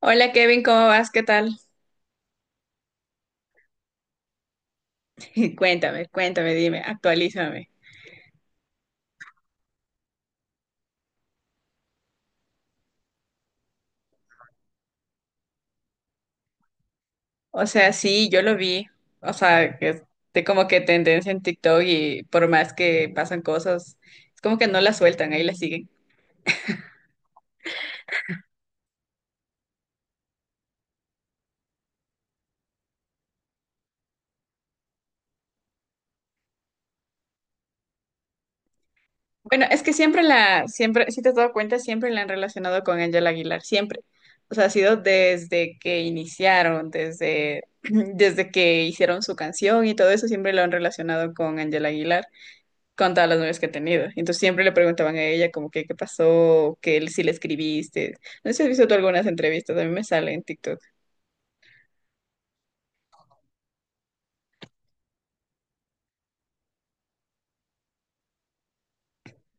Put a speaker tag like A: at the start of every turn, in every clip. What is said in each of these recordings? A: Hola Kevin, ¿cómo vas? ¿Qué tal? Cuéntame, cuéntame, dime, actualízame. O sea, sí, yo lo vi. O sea, que es de como que tendencia en TikTok y por más que pasan cosas, es como que no la sueltan, ahí la siguen. Bueno, es que siempre, si te has dado cuenta, siempre la han relacionado con Angela Aguilar, siempre. O sea, ha sido desde que iniciaron, desde que hicieron su canción y todo eso, siempre lo han relacionado con Angela Aguilar, con todas las novias que he tenido. Entonces siempre le preguntaban a ella como que qué pasó, que si le escribiste. No sé si has visto tú algunas entrevistas, a mí me sale en TikTok.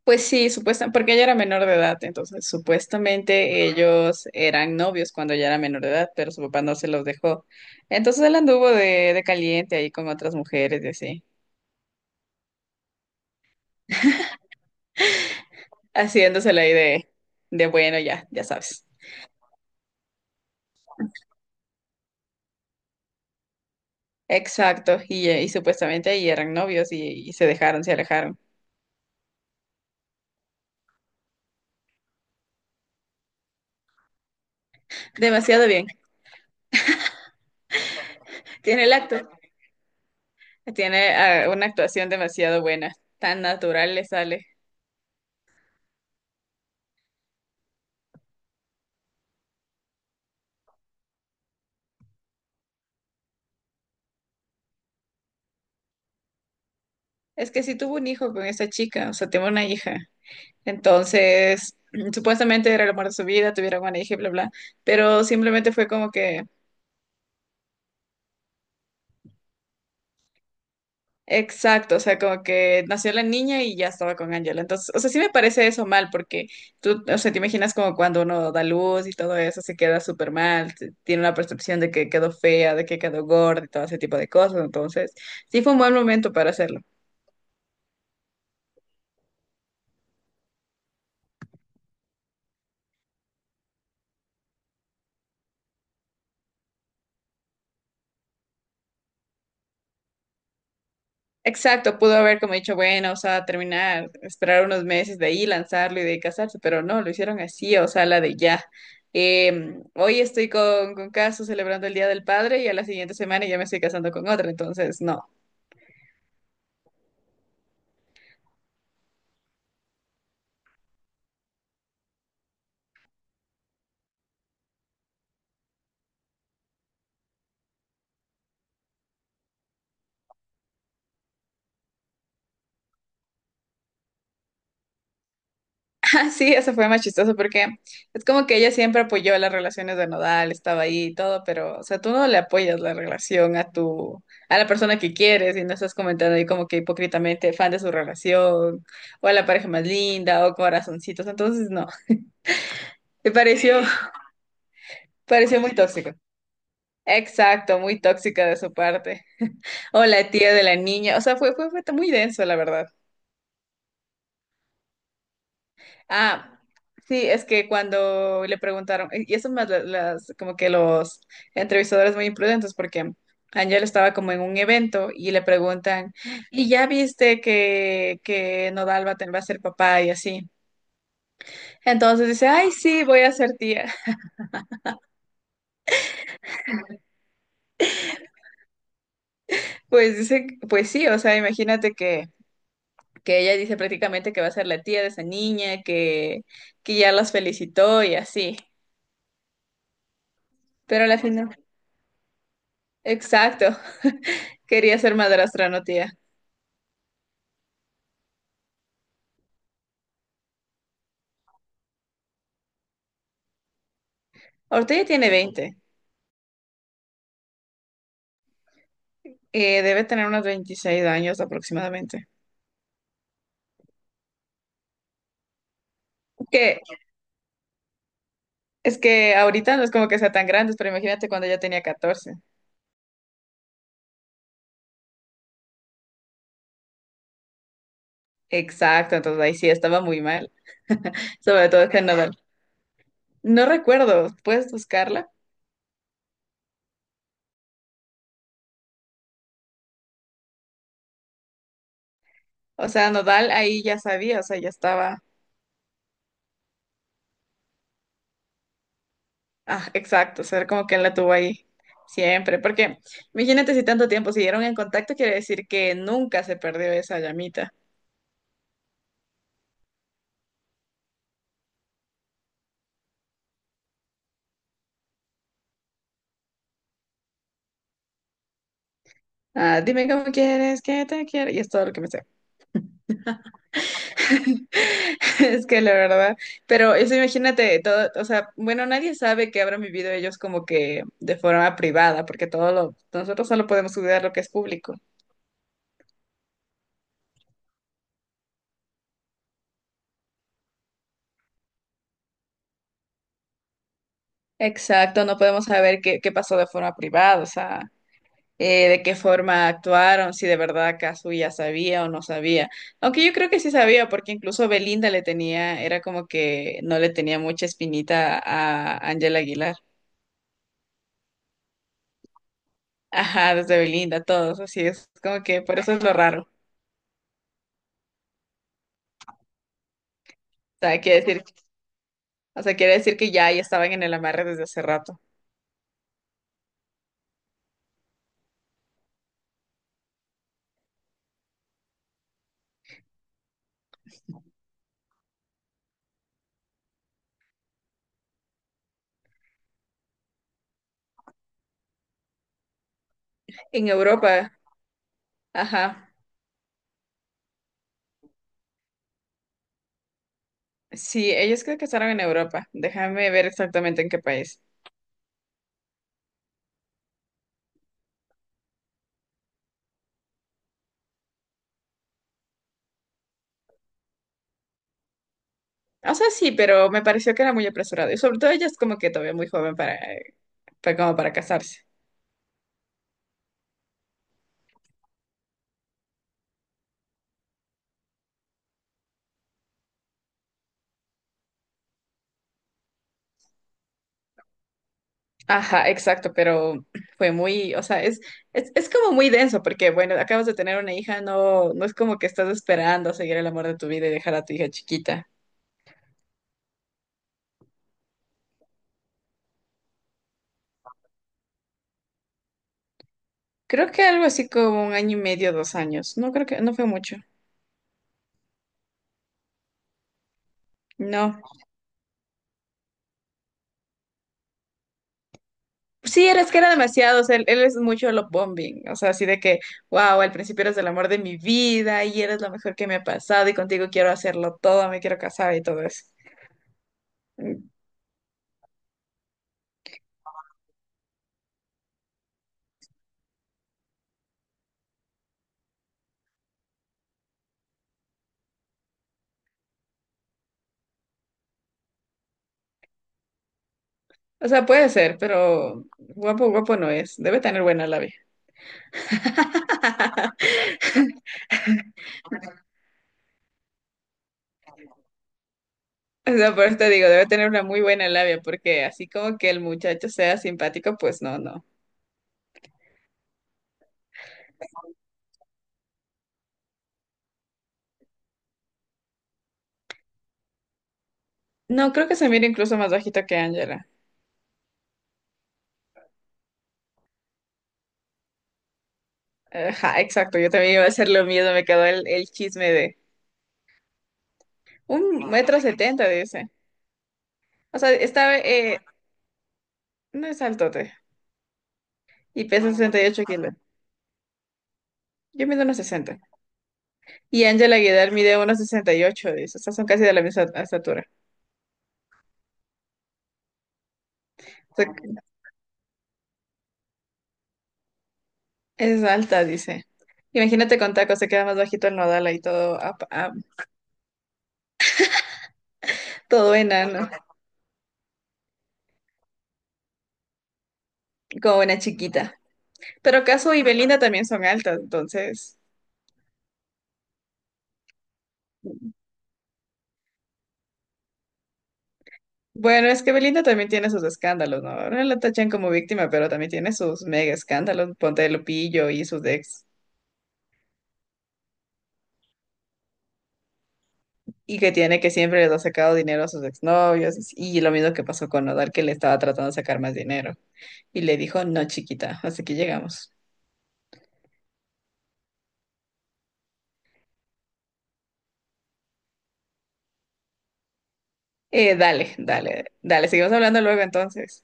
A: Pues sí, supuestamente, porque ella era menor de edad, entonces supuestamente ellos eran novios cuando ella era menor de edad, pero su papá no se los dejó. Entonces él anduvo de caliente ahí con otras mujeres y así, haciéndosela ahí de bueno, ya, ya sabes. Exacto, y supuestamente ahí eran novios y se dejaron, se alejaron. Demasiado bien. Tiene el acto. Tiene una actuación demasiado buena, tan natural le sale. Es que sí tuvo un hijo con esa chica, o sea, tuvo una hija. Entonces, supuestamente era el amor de su vida, tuvieron una hija y bla, bla. Pero simplemente fue como que, exacto, o sea, como que nació la niña y ya estaba con Angela. Entonces, o sea, sí me parece eso mal, porque tú, o sea, te imaginas como cuando uno da luz y todo eso se queda súper mal, tiene una percepción de que quedó fea, de que quedó gorda y todo ese tipo de cosas. Entonces, sí fue un buen momento para hacerlo. Exacto, pudo haber como dicho, bueno, o sea, terminar, esperar unos meses de ahí, lanzarlo y de ahí casarse, pero no, lo hicieron así, o sea, la de ya. Hoy estoy con Caso celebrando el Día del Padre y a la siguiente semana ya me estoy casando con otra, entonces no. Ah, sí, eso fue más chistoso porque es como que ella siempre apoyó las relaciones de nodal, estaba ahí y todo, pero, o sea, tú no le apoyas la relación a la persona que quieres y no estás comentando ahí como que hipócritamente fan de su relación o a la pareja más linda o corazoncitos, entonces no. Me pareció muy tóxico. Exacto, muy tóxica de su parte. O la tía de la niña. O sea, fue muy denso, la verdad. Ah, sí, es que cuando le preguntaron, y eso más las, como que los entrevistadores muy imprudentes, porque Angel estaba como en un evento y le preguntan, ¿y ya viste que Nodal va a ser papá y así? Entonces dice, ay, sí, voy a ser tía. Pues dice, pues sí, o sea, imagínate que ella dice prácticamente que va a ser la tía de esa niña, que ya las felicitó y así. Pero a la final, exacto, quería ser madrastra, no tía. Ahorita ya tiene 20. Debe tener unos 26 años aproximadamente. Que, es que ahorita no es como que sea tan grande, pero imagínate cuando ella tenía 14. Exacto, entonces ahí sí estaba muy mal, sobre todo este Nodal. No recuerdo, ¿puedes buscarla? O sea, Nodal ahí ya sabía, o sea, ya estaba. Ah, exacto, ser como que él la tuvo ahí siempre, porque imagínate si tanto tiempo siguieron en contacto, quiere decir que nunca se perdió esa llamita. Ah, dime cómo quieres, que te quiero, y es todo lo que me sé. Es que la verdad, pero eso imagínate todo, o sea, bueno, nadie sabe que habrán vivido ellos como que de forma privada, porque nosotros solo podemos cuidar lo que es público. Exacto, no podemos saber qué pasó de forma privada, o sea. De qué forma actuaron, si de verdad Kazuya sabía o no sabía. Aunque yo creo que sí sabía, porque incluso Belinda le tenía, era como que no le tenía mucha espinita a Ángela Aguilar. Ajá, desde Belinda, todos, así es como que por eso es lo raro. O sea, quiere decir, o sea, quiere decir que ya estaban en el amarre desde hace rato. En Europa, ajá. Sí, ellos creo que estaban en Europa. Déjame ver exactamente en qué país. O sea, sí, pero me pareció que era muy apresurado. Y sobre todo ella es como que todavía muy joven para. Fue como para casarse. Ajá, exacto, pero fue muy, o sea, es como muy denso porque, bueno, acabas de tener una hija, no, no es como que estás esperando a seguir el amor de tu vida y dejar a tu hija chiquita. Creo que algo así como un año y medio, 2 años. No creo que, no fue mucho. No. Sí, es que era demasiado, o sea, él es mucho love bombing, o sea, así de que, wow, al principio eres el amor de mi vida y eres lo mejor que me ha pasado y contigo quiero hacerlo todo, me quiero casar y todo eso. O sea, puede ser, pero guapo, guapo no es. Debe tener buena labia. O sea, por eso te digo, debe tener una muy buena labia, porque así como que el muchacho sea simpático, pues no, no. No, creo que se mira incluso más bajito que Angela. Ajá, exacto, yo también iba a hacer lo mismo, me quedó el chisme de 1,70 m, dice. O sea, no es altote, y pesa 68 kilos. Yo mido unos 60. Y Angela Aguilar mide unos 68, dice. O sea, son casi de la misma estatura. O sea, es alta, dice. Imagínate con tacos, se queda más bajito el nodal ahí todo, todo enano, como una chiquita. Pero Caso y Belinda también son altas, entonces. Bueno, es que Belinda también tiene sus escándalos, ¿no? Ahora la tachan como víctima, pero también tiene sus mega escándalos, ponte de Lupillo y sus ex. Y que tiene que siempre les ha sacado dinero a sus exnovios. Y lo mismo que pasó con Nodal, que le estaba tratando de sacar más dinero. Y le dijo, no, chiquita, hasta aquí llegamos. Dale, dale, dale, seguimos hablando luego entonces.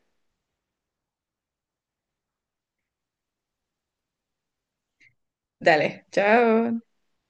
A: Dale, chao.